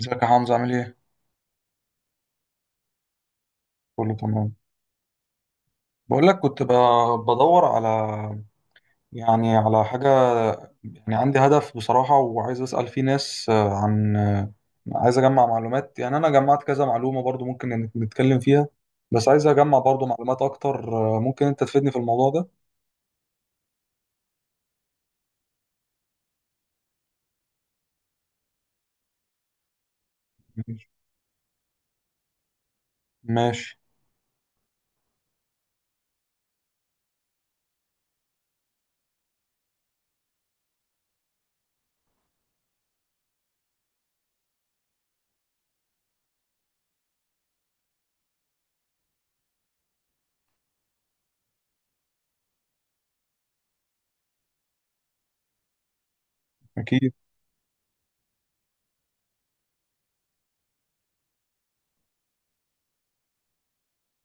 ازيك يا حمزة؟ عامل ايه؟ كله تمام. بقول لك كنت بدور على يعني على حاجة. يعني عندي هدف بصراحة، وعايز أسأل فيه ناس عن عايز أجمع معلومات. يعني أنا جمعت كذا معلومة برضو ممكن نتكلم فيها، بس عايز أجمع برضو معلومات أكتر. ممكن أنت تفيدني في الموضوع ده؟ ماشي. ماشي. أكيد.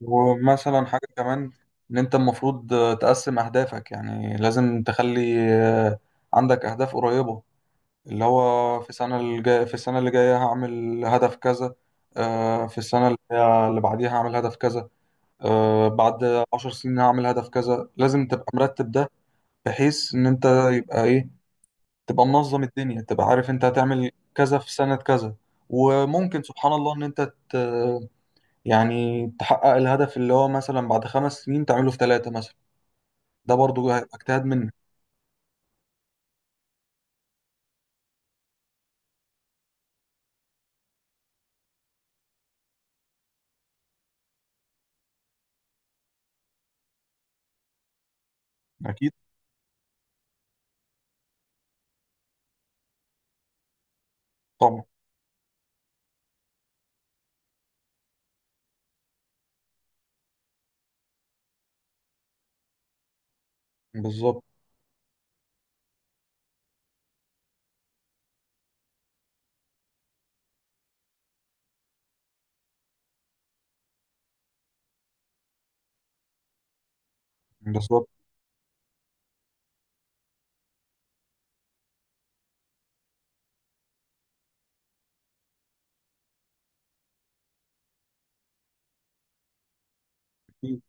ومثلا حاجة كمان، إن أنت المفروض تقسم أهدافك. يعني لازم تخلي عندك أهداف قريبة، اللي هو في السنة اللي جاية هعمل هدف كذا. في السنة اللي بعديها هعمل هدف كذا. بعد 10 سنين هعمل هدف كذا. لازم تبقى مرتب ده بحيث إن أنت يبقى إيه تبقى منظم الدنيا، تبقى عارف أنت هتعمل كذا في سنة كذا. وممكن سبحان الله إن أنت ت- يعني تحقق الهدف اللي هو مثلا بعد 5 سنين تعمله في ثلاثة مثلا، ده برضو هيبقى اجتهاد منك. أكيد. طبعا. بالظبط. بالظبط. أكيد.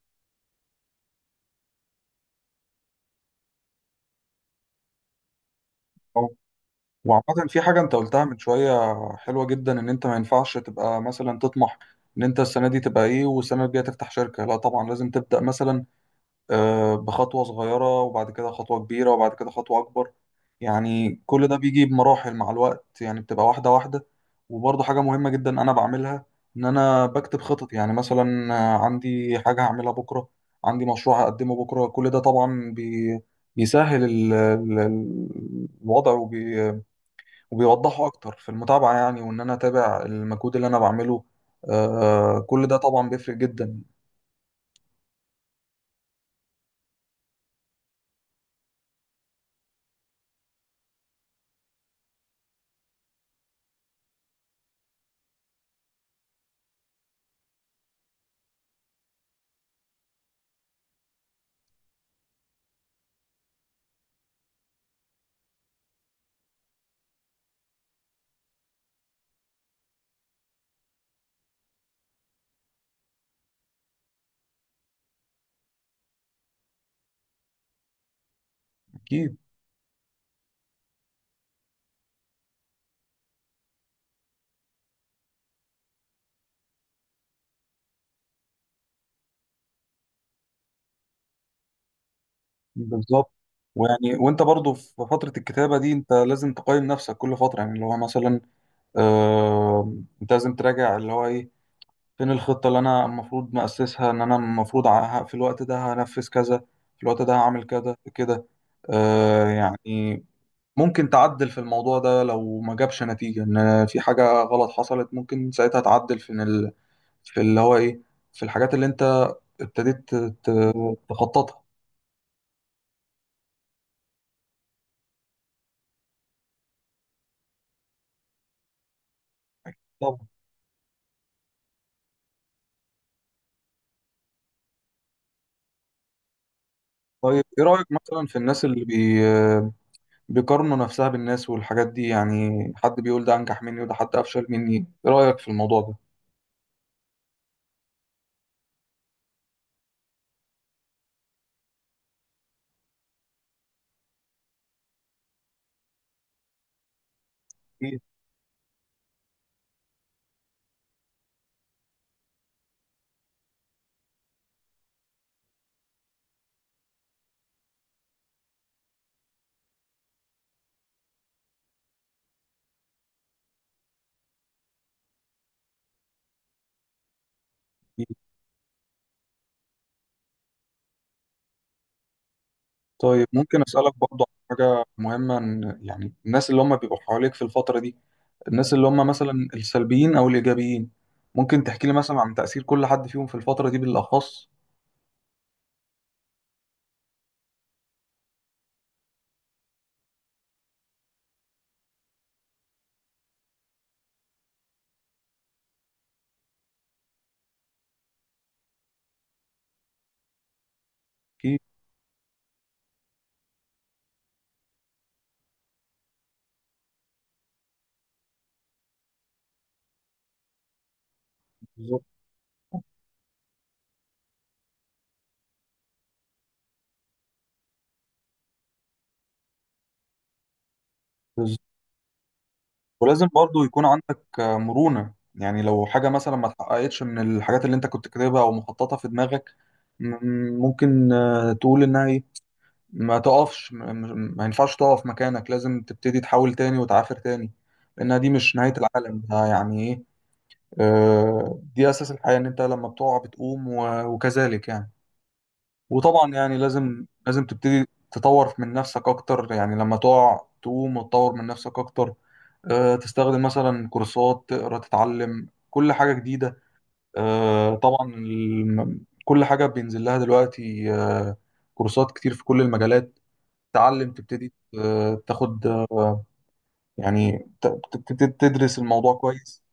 وعامة في حاجة انت قلتها من شوية حلوة جدا، ان انت ما ينفعش تبقى مثلا تطمح ان انت السنة دي تبقى ايه، والسنة الجاية تفتح شركة. لا طبعا، لازم تبدأ مثلا بخطوة صغيرة، وبعد كده خطوة كبيرة، وبعد كده خطوة اكبر. يعني كل ده بيجي بمراحل مع الوقت، يعني بتبقى واحدة واحدة. وبرضه حاجة مهمة جدا انا بعملها، ان انا بكتب خطط. يعني مثلا عندي حاجة هعملها بكرة، عندي مشروع هقدمه بكرة. كل ده طبعا بيسهل الوضع، وبيوضحوا اكتر في المتابعه، يعني وان انا اتابع المجهود اللي انا بعمله. كل ده طبعا بيفرق جدا. اكيد. بالظبط. ويعني وانت برضو في فتره الكتابه دي انت لازم تقيم نفسك كل فتره. يعني اللي هو مثلا آه انت لازم تراجع اللي هو ايه، فين الخطه اللي انا المفروض مؤسسها، ان انا المفروض في الوقت ده هنفذ كذا، في الوقت ده هعمل كذا كده. يعني ممكن تعدل في الموضوع ده لو ما جابش نتيجة. إن في حاجة غلط حصلت ممكن ساعتها تعدل في اللي هو ايه، في الحاجات اللي انت ابتديت تخططها. طب طيب ايه رأيك مثلا في الناس اللي بيقارنوا نفسها بالناس والحاجات دي، يعني حد بيقول ده انجح مني وده حد افشل مني، ايه رأيك في الموضوع ده؟ أكيد. أكيد. طيب ممكن اسالك برضه عن حاجه مهمه، إن يعني الناس اللي هم بيبقوا حواليك في الفتره دي، الناس اللي هم مثلا السلبيين او الايجابيين، ممكن تحكي لي مثلا عن تاثير كل حد فيهم في الفتره دي بالاخص؟ اكيد. بالظبط. ولازم برضو يكون عندك مرونة، يعني لو حاجة مثلا ما اتحققتش من الحاجات اللي انت كنت كاتبها او مخططها في دماغك، ممكن تقول انها ايه، ما تقفش، ما ينفعش تقف مكانك، لازم تبتدي تحاول تاني وتعافر تاني، لانها دي مش نهاية العالم. ده يعني ايه، دي اساس الحياة، ان انت لما بتقع بتقوم وكذلك يعني. وطبعا يعني لازم لازم تبتدي تطور من نفسك اكتر، يعني لما تقع تقوم وتطور من نفسك اكتر. تستخدم مثلا كورسات، تقرا، تتعلم كل حاجة جديدة. طبعا كل حاجة بينزل لها دلوقتي. كورسات كتير في كل المجالات، تتعلم تبتدي تاخد يعني تبتدي تدرس الموضوع كويس.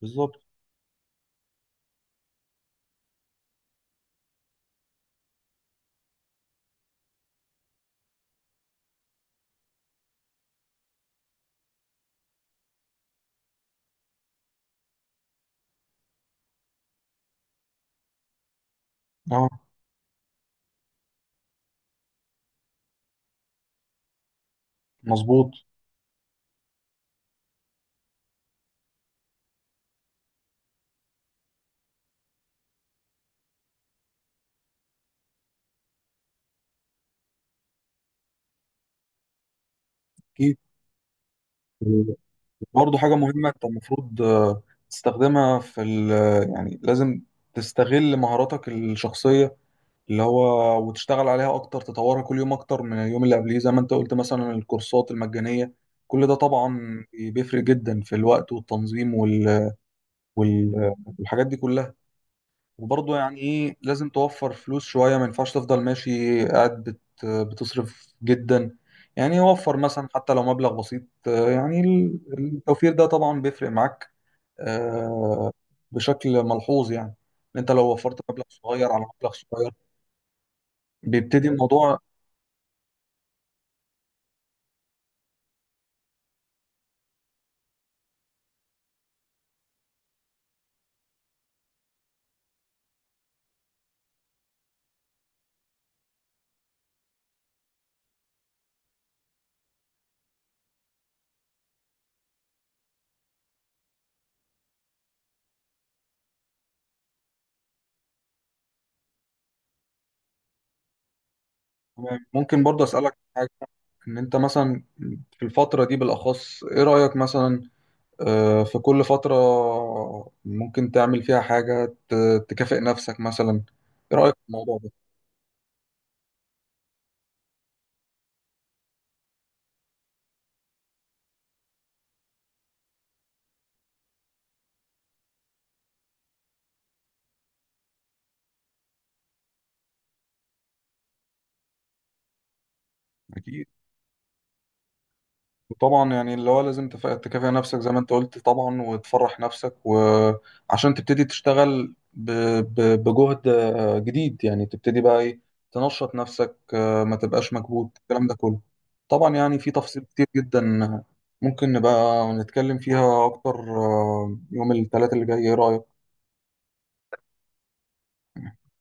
بالظبط. اه. مظبوط. اكيد. برضه حاجة مهمة أنت المفروض تستخدمها في ال يعني لازم تستغل مهاراتك الشخصية اللي هو، وتشتغل عليها أكتر تطورها كل يوم أكتر من اليوم اللي قبليه، زي ما أنت قلت مثلا الكورسات المجانية. كل ده طبعا بيفرق جدا في الوقت والتنظيم وال... والحاجات دي كلها. وبرضه يعني إيه لازم توفر فلوس شوية، ما ينفعش تفضل ماشي قاعد بتصرف جدا. يعني وفر مثلا حتى لو مبلغ بسيط. يعني التوفير ده طبعا بيفرق معاك آه، بشكل ملحوظ، يعني إن انت لو وفرت مبلغ صغير على مبلغ صغير بيبتدي الموضوع. تمام. ممكن برضه اسالك حاجه، ان انت مثلا في الفتره دي بالاخص ايه رايك مثلا في كل فتره ممكن تعمل فيها حاجه تكافئ نفسك مثلا؟ ايه رايك في الموضوع ده؟ اكيد. وطبعا يعني اللي هو لازم تكافئ نفسك زي ما انت قلت طبعا، وتفرح نفسك، وعشان تبتدي تشتغل بجهد جديد. يعني تبتدي بقى ايه، تنشط نفسك، ما تبقاش مكبوت الكلام ده كله. طبعا يعني في تفاصيل كتير جدا ممكن نبقى نتكلم فيها اكتر يوم الثلاث اللي جاي، ايه رأيك؟